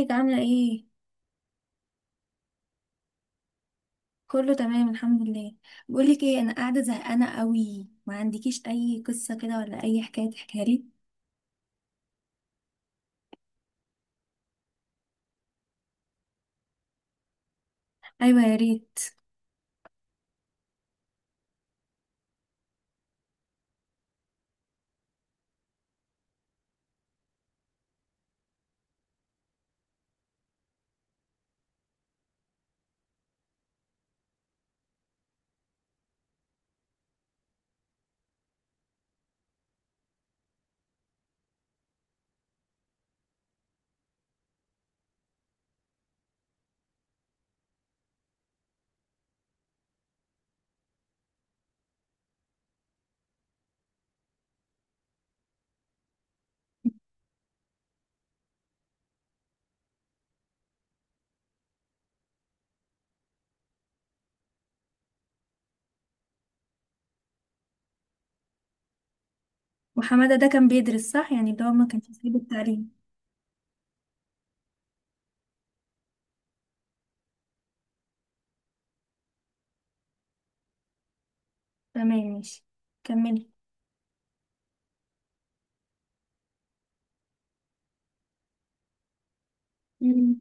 ازيك؟ عاملة ايه؟ كله تمام الحمد لله. بقولك ايه، انا قاعدة زهقانة قوي، ما عندكيش اي قصة كده ولا اي حكاية تحكيها لي؟ ايوه يا ريت. وحمادة ده كان بيدرس صح؟ يعني ده ما كانش سايب التعليم. تمام، ماشي، كملي. مم.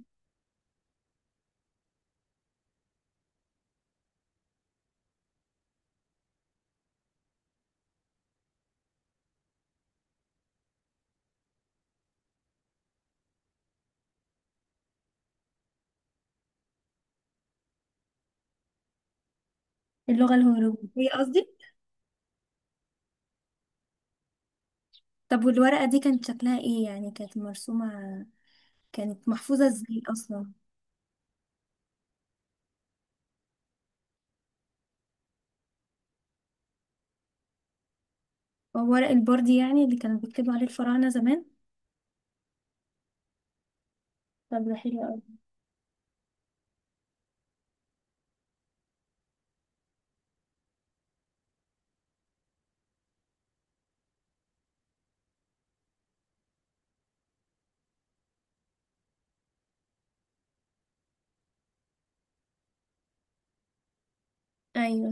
اللغة الهروبية قصدي. طب والورقة دي كانت شكلها ايه؟ يعني كانت مرسومة؟ كانت محفوظة ازاي اصلا؟ هو ورق البوردي يعني اللي كانوا بيكتبوا عليه الفراعنة زمان؟ طب ده حلو قوي. ايوه.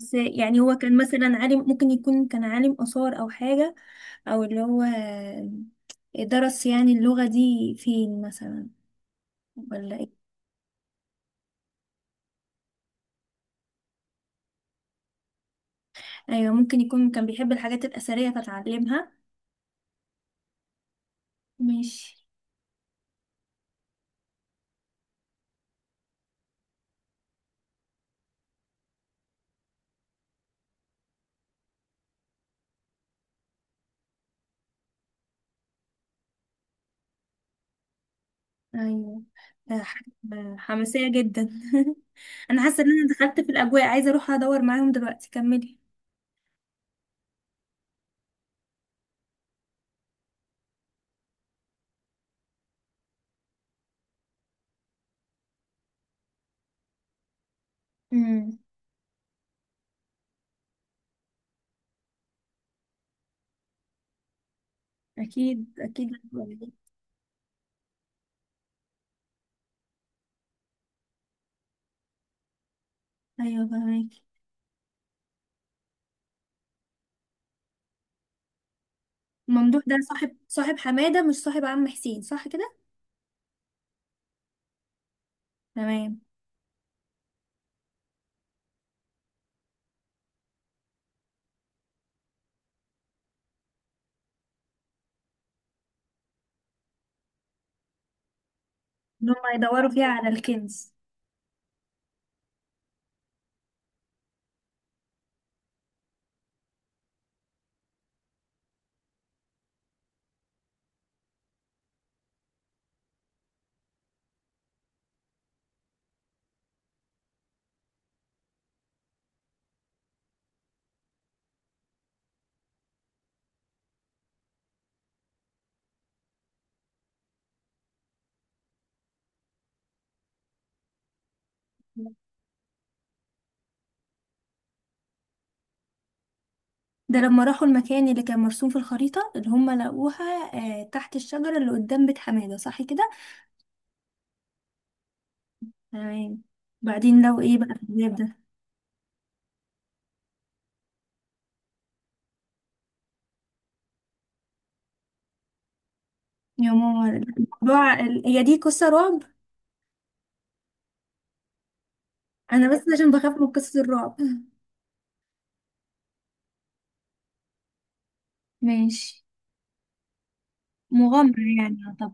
بس يعني هو كان مثلا عالم؟ ممكن يكون كان عالم آثار أو حاجة؟ أو اللي هو درس يعني اللغة دي فين مثلا؟ ولا إيه؟ أيوة، ممكن يكون كان بيحب الحاجات الأثرية فتعلمها. ماشي. أيوة. حاجة حماسية جدا. أنا حاسة إن أنا دخلت في الأجواء، عايزة أروح أدور معاهم دلوقتي. كملي. امم. أكيد أكيد. أيوة فهماكي. ممدوح ده صاحب حمادة، مش صاحب عم حسين صح كده؟ تمام. ان هم يدوروا فيها على الكنز. ده لما راحوا المكان اللي كان مرسوم في الخريطة اللي هم لقوها؟ آه، تحت الشجرة اللي قدام بيت حمادة صح كده؟ تمام. بعدين لو ايه بقى في الباب ده؟ يا ماما. هي دي قصة رعب؟ انا بس عشان بخاف من قصة الرعب. ماشي، مغامرة يعني. طب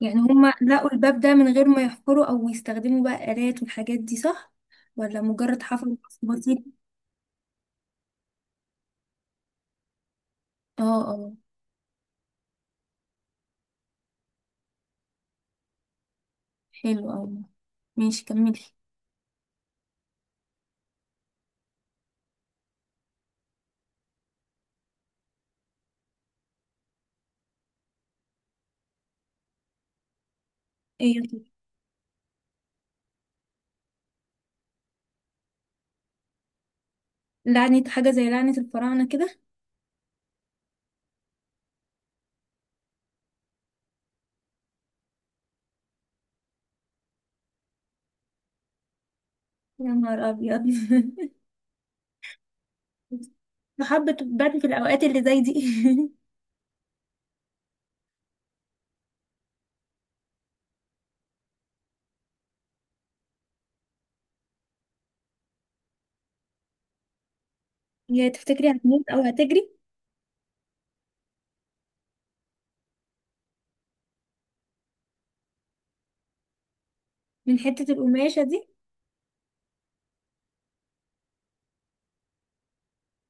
يعني هما لقوا الباب ده من غير ما يحفروا او يستخدموا بقى آلات والحاجات دي صح؟ ولا مجرد حفر بسيط؟ اه. اه حلو اوي. ماشي كملي. ايه؟ لعنة، حاجة زي لعنة الفراعنة كده؟ يا نهار أبيض. محبة بتبان في الأوقات اللي زي دي. يا تفتكري هتموت أو هتجري من حتة القماشة دي؟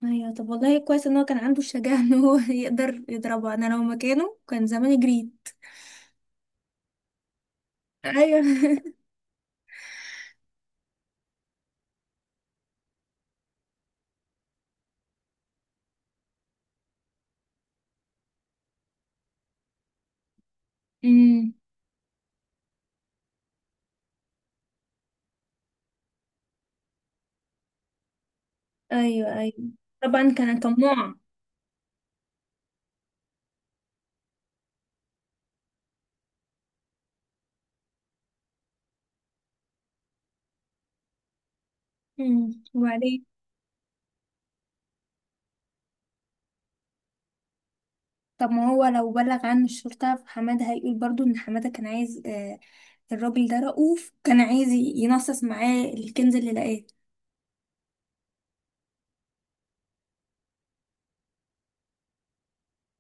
أيوة. طب والله كويس إن هو كان عنده الشجاعة إن هو يقدر يضربه. أنا لو مكانه كان زمان جريت. أيوة. أمم. أيوه أيوه. طبعا كان طماع. أمم، وبعدين؟ طب ما هو لو بلغ عن الشرطة فحمادة هيقول برضو ان حمادة كان عايز الراجل ده رؤوف كان عايز ينصص معاه الكنز اللي لقاه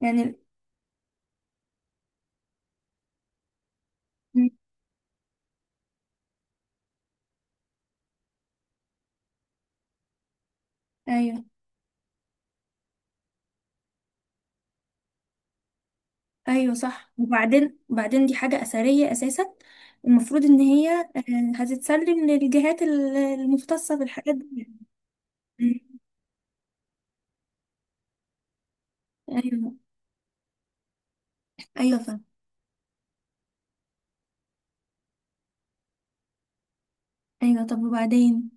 يعني. م- ايوه، ايوه صح. وبعدين؟ وبعدين دي حاجة أثرية أساسا، المفروض ان هي هتتسلم للجهات المختصة بالحاجات دي. م. ايوه، ايوه فاهم. ايوه طب وبعدين؟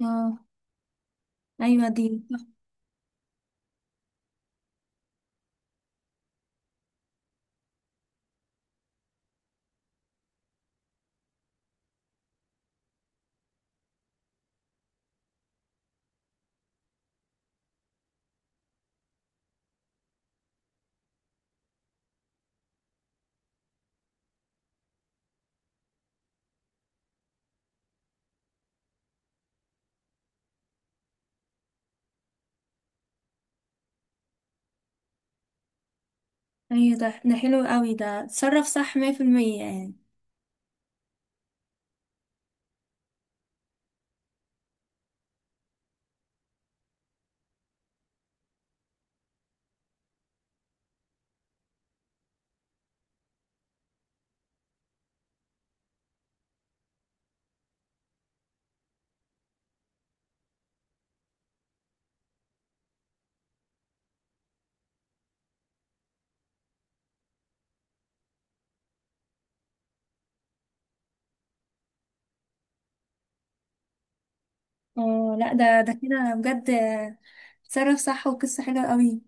اه. ايوه دي صح. ايوه ده حلو قوي، ده اتصرف صح 100% يعني. اه لا، ده كده بجد اتصرف صح، وقصة حلوة قوي.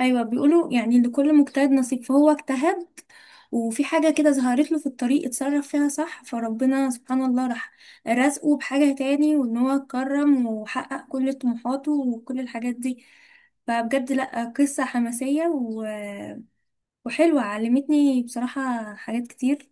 ايوه بيقولوا يعني لكل مجتهد نصيب، فهو اجتهد، وفي حاجة كده ظهرت له في الطريق اتصرف فيها صح، فربنا سبحان الله راح رزقه بحاجة تاني، وان هو اتكرم وحقق كل طموحاته وكل الحاجات دي. فبجد لا قصة حماسية وحلوة، علمتني بصراحة حاجات كتير.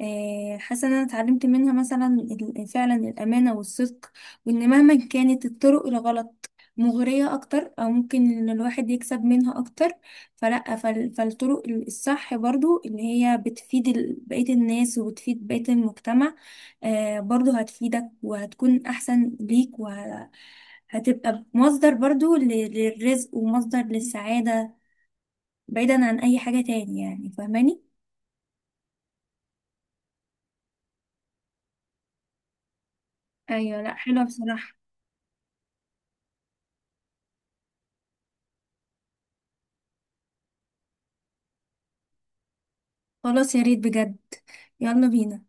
آه، حاسه ان انا اتعلمت منها مثلا فعلا الامانه والصدق، وان مهما كانت الطرق الغلط مغريه اكتر او ممكن ان الواحد يكسب منها اكتر، فلا، فالطرق الصح برضو اللي هي بتفيد بقيه الناس وبتفيد بقيه المجتمع، آه، برضو هتفيدك وهتكون احسن ليك وهتبقى مصدر برضو للرزق ومصدر للسعاده، بعيدا عن اي حاجه تاني يعني، فاهماني؟ ايوه لا حلوه بصراحه. خلاص يا ريت بجد. يلا بينا.